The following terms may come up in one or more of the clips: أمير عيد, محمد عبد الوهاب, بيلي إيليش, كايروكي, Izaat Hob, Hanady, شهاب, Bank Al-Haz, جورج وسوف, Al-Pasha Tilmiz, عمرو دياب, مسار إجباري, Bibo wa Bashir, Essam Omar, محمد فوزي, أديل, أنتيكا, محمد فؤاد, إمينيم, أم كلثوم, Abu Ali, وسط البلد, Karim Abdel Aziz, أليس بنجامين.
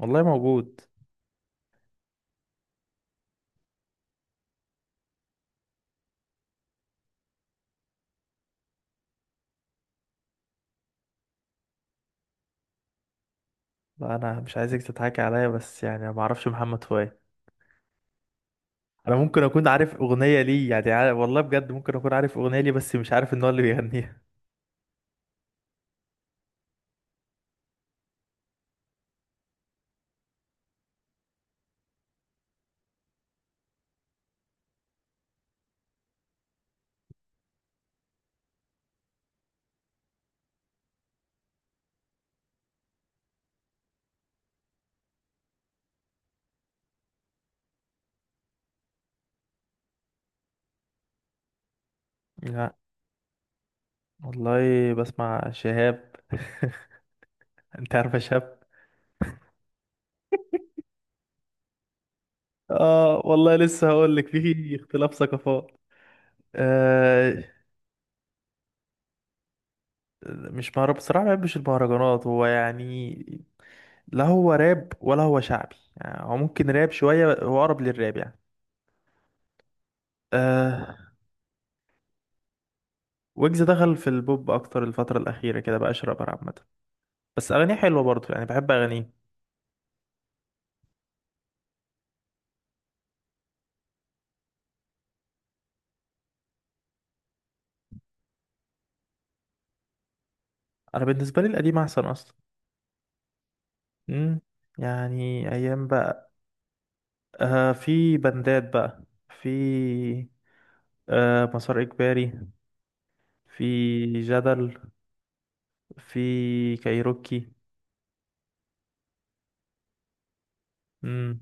والله موجود. لا انا مش عايزك تضحكي عليا، بس يعني أنا ما اعرفش محمد فؤاد. انا ممكن اكون عارف اغنيه ليه، يعني عارف والله بجد، ممكن اكون عارف اغنيه ليه بس مش عارف ان هو اللي بيغنيها. لا والله، بسمع شهاب. انت عارفه شهاب؟ اه والله لسه هقول لك، في اختلاف ثقافات. آه مش مهرب بصراحه، ما بحبش المهرجانات هو يعني. لا هو راب ولا هو شعبي، يعني هو ممكن راب شويه، هو اقرب للراب يعني. آه ويجز دخل في البوب اكتر الفتره الاخيره كده، بقى شرابر عامه. بس اغانيه حلوه برضه، يعني بحب اغانيه. انا بالنسبه لي القديم احسن اصلا. امم يعني ايام بقى. في بندات بقى. في مسار اجباري. في جدل. في كايروكي. امم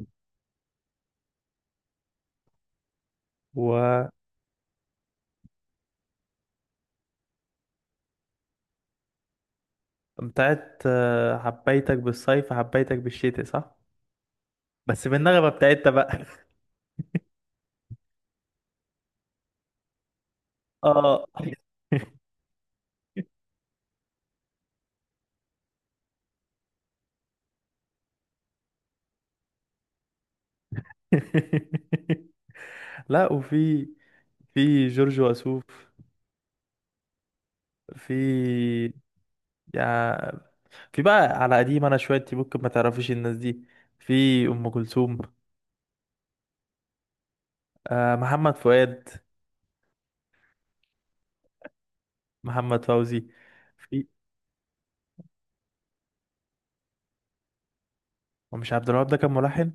وبتاعت حبيتك بالصيف حبيتك بالشتاء، صح؟ بس بالنغمه بتاعتها بقى. اه. لا، وفي في جورج وسوف. في، يعني في بقى على قديم انا شويه، انت ممكن ما تعرفيش الناس دي. في ام كلثوم، محمد فؤاد، محمد فوزي. في. ومش عبد الوهاب ده كان ملحن؟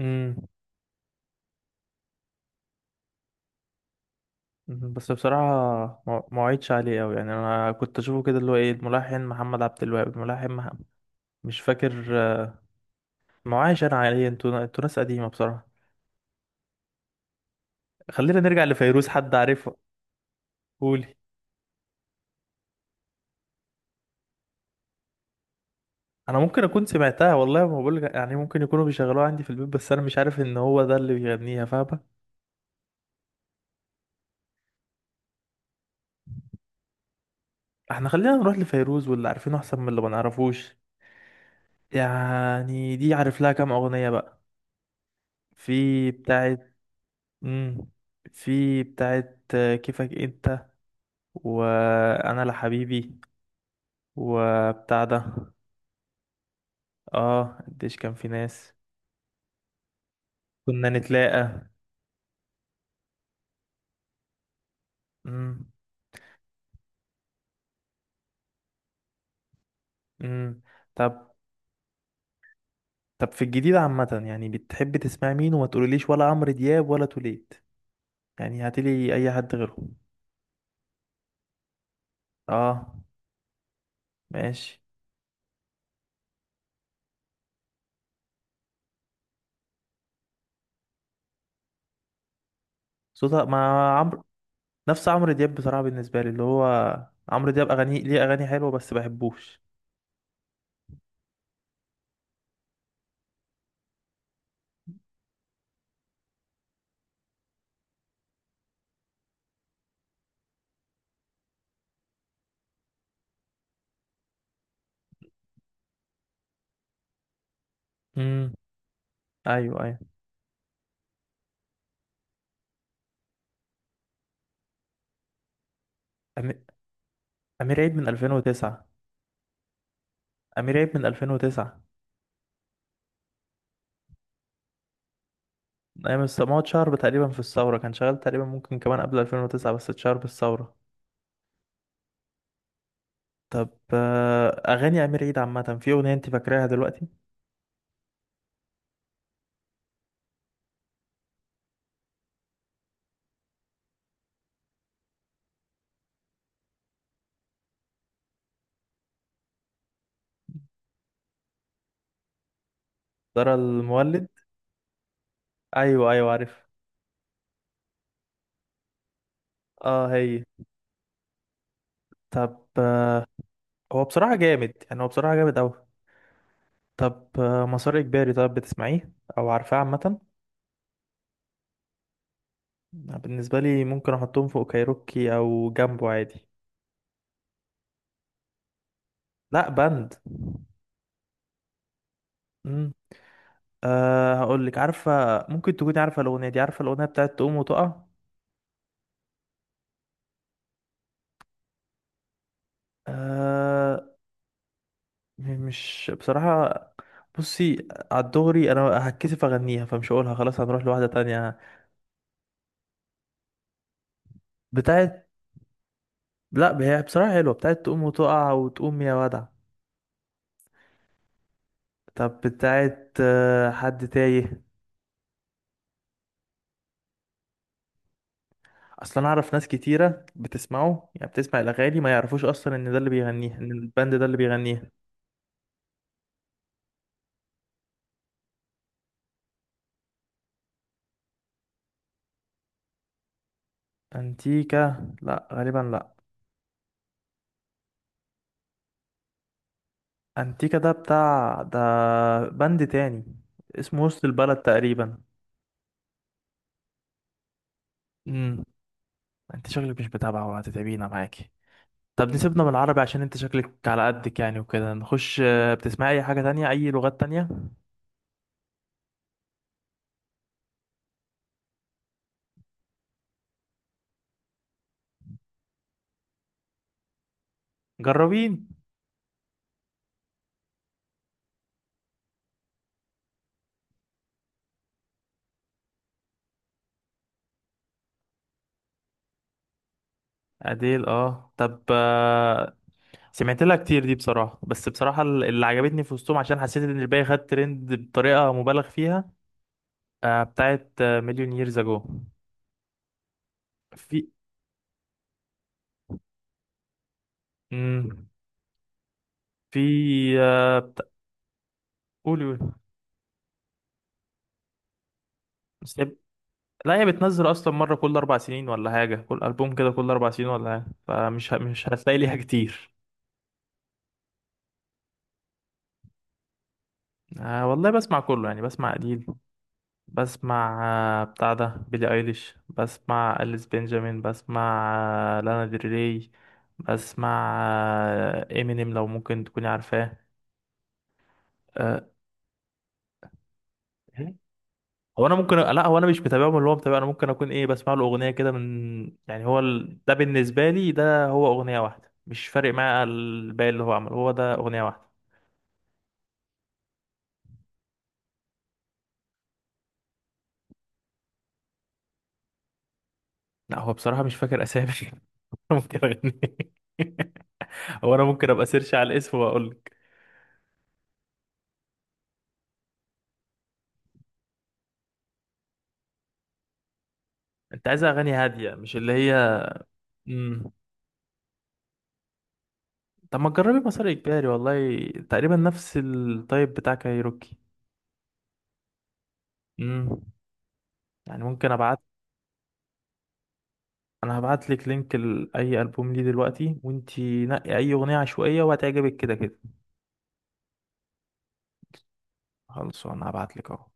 امم بس بصراحه ما وعدتش عليه قوي، يعني انا كنت اشوفه كده اللي هو ايه الملحن محمد عبد الوهاب الملحن محمد، مش فاكر. ما وعيش انا عليه، انتوا ناس قديمه بصراحه. خلينا نرجع لفيروز، حد عارفه؟ قولي. انا ممكن اكون سمعتها والله، ما بقول يعني ممكن يكونوا بيشغلوها عندي في البيت، بس انا مش عارف ان هو ده اللي بيغنيها، فاهمة؟ احنا خلينا نروح لفيروز واللي عارفينه احسن من اللي ما نعرفوش. يعني دي عارف لها كام اغنية بقى. في بتاعت. امم في بتاعت كيفك انت، وانا لحبيبي، وبتاع ده. اه قديش كان في ناس، كنا نتلاقى. امم. امم، طب طب في الجديد عامة، يعني بتحب تسمع مين؟ وما تقوليليش ولا عمرو دياب ولا توليد، يعني هاتلي اي حد غيره. اه. ماشي. صوتها ما، عمرو، نفس عمرو دياب بصراحة بالنسبة لي اللي هو، عمرو دياب اغاني ليه اغاني حلوة بس بحبوش. امم. ايوه، ايوه. أمي- امير عيد من 2009. امير عيد من 2009. ما هو اتشهر تقريبا في الثورة، كان شغال تقريبا ممكن كمان قبل 2009 بس اتشهر بالثورة. طب، اغاني امير عيد عامة، في اغنية انت فاكراها دلوقتي؟ ترى المولد. ايوه ايوه عارف. اه هي. طب. هو بصراحة جامد، يعني هو بصراحة جامد اوي. طب، مسار إجباري، طب بتسمعيه أو عارفاه عامة؟ بالنسبة لي ممكن أحطهم فوق كايروكي أو جنبه عادي. لأ، بند. مم. أه، هقولك، عارفة؟ ممكن تكوني عارفة الأغنية دي، عارفة الأغنية بتاعت تقوم وتقع؟ أه مش بصراحة. بصي على الدغري، أنا هتكسف أغنيها فمش هقولها، خلاص هنروح لواحدة تانية. بتاعت. لأ هي بصراحة حلوة، بتاعت تقوم وتقع وتقوم يا ودع. طب بتاعت، حد تايه. اصلا انا اعرف ناس كتيره بتسمعه، يعني بتسمع الاغاني ما يعرفوش اصلا ان ده اللي بيغنيها، ان الباند ده اللي بيغنيها. انتيكا؟ لا غالبا لا. انتيكا ده بتاع ده، باند تاني، اسمه وسط البلد تقريبا. امم. انت شكلك مش متابعه، وهتتعبينا معاكي. طب نسيبنا من العربي، عشان انت شكلك على قدك يعني، وكده نخش، بتسمعي اي حاجه تانية، اي لغات تانية؟ جربي. أديل؟ اه، طب، سمعت لها كتير دي بصراحة، بس بصراحة اللي عجبتني في وسطهم، عشان حسيت ان الباقي خد ترند بطريقة مبالغ فيها، بتاعت مليون ييرز اجو. في. مم. في آه، بتا... قولي، قولي. بس هي- لا هي بتنزل اصلا مرة كل اربع سنين ولا حاجة، كل البوم كده كل اربع سنين ولا حاجة، فمش مش هتلاقي ليها كتير. والله بسمع كله، يعني بسمع قليل. بسمع، بتاع ده بيلي ايليش. بسمع أليس بنجامين. بسمع، لانا دريي. بسمع، امينيم، لو ممكن تكوني عارفاه. آه، هو انا ممكن، لا هو انا مش متابعهم اللي هو متابع، انا ممكن اكون ايه بسمع له اغنيه كده من، يعني هو ده بالنسبه لي، ده هو اغنيه واحده مش فارق معايا الباقي اللي هو عمله، هو ده اغنيه واحده. لا هو بصراحه مش فاكر اسامي. ممكن اغني. هو انا ممكن ابقى سيرش على الاسم واقول لك. انت عايز اغاني هاديه، مش اللي هي مم. طب ما تجربي مسار اجباري، والله تقريبا نفس التايب بتاع كايروكي. امم، يعني ممكن ابعت. انا هبعت لك لينك لاي البوم ليه دلوقتي، وانتي نقي اي اغنيه عشوائيه وهتعجبك كده كده. خلاص، انا هبعت لك اهو.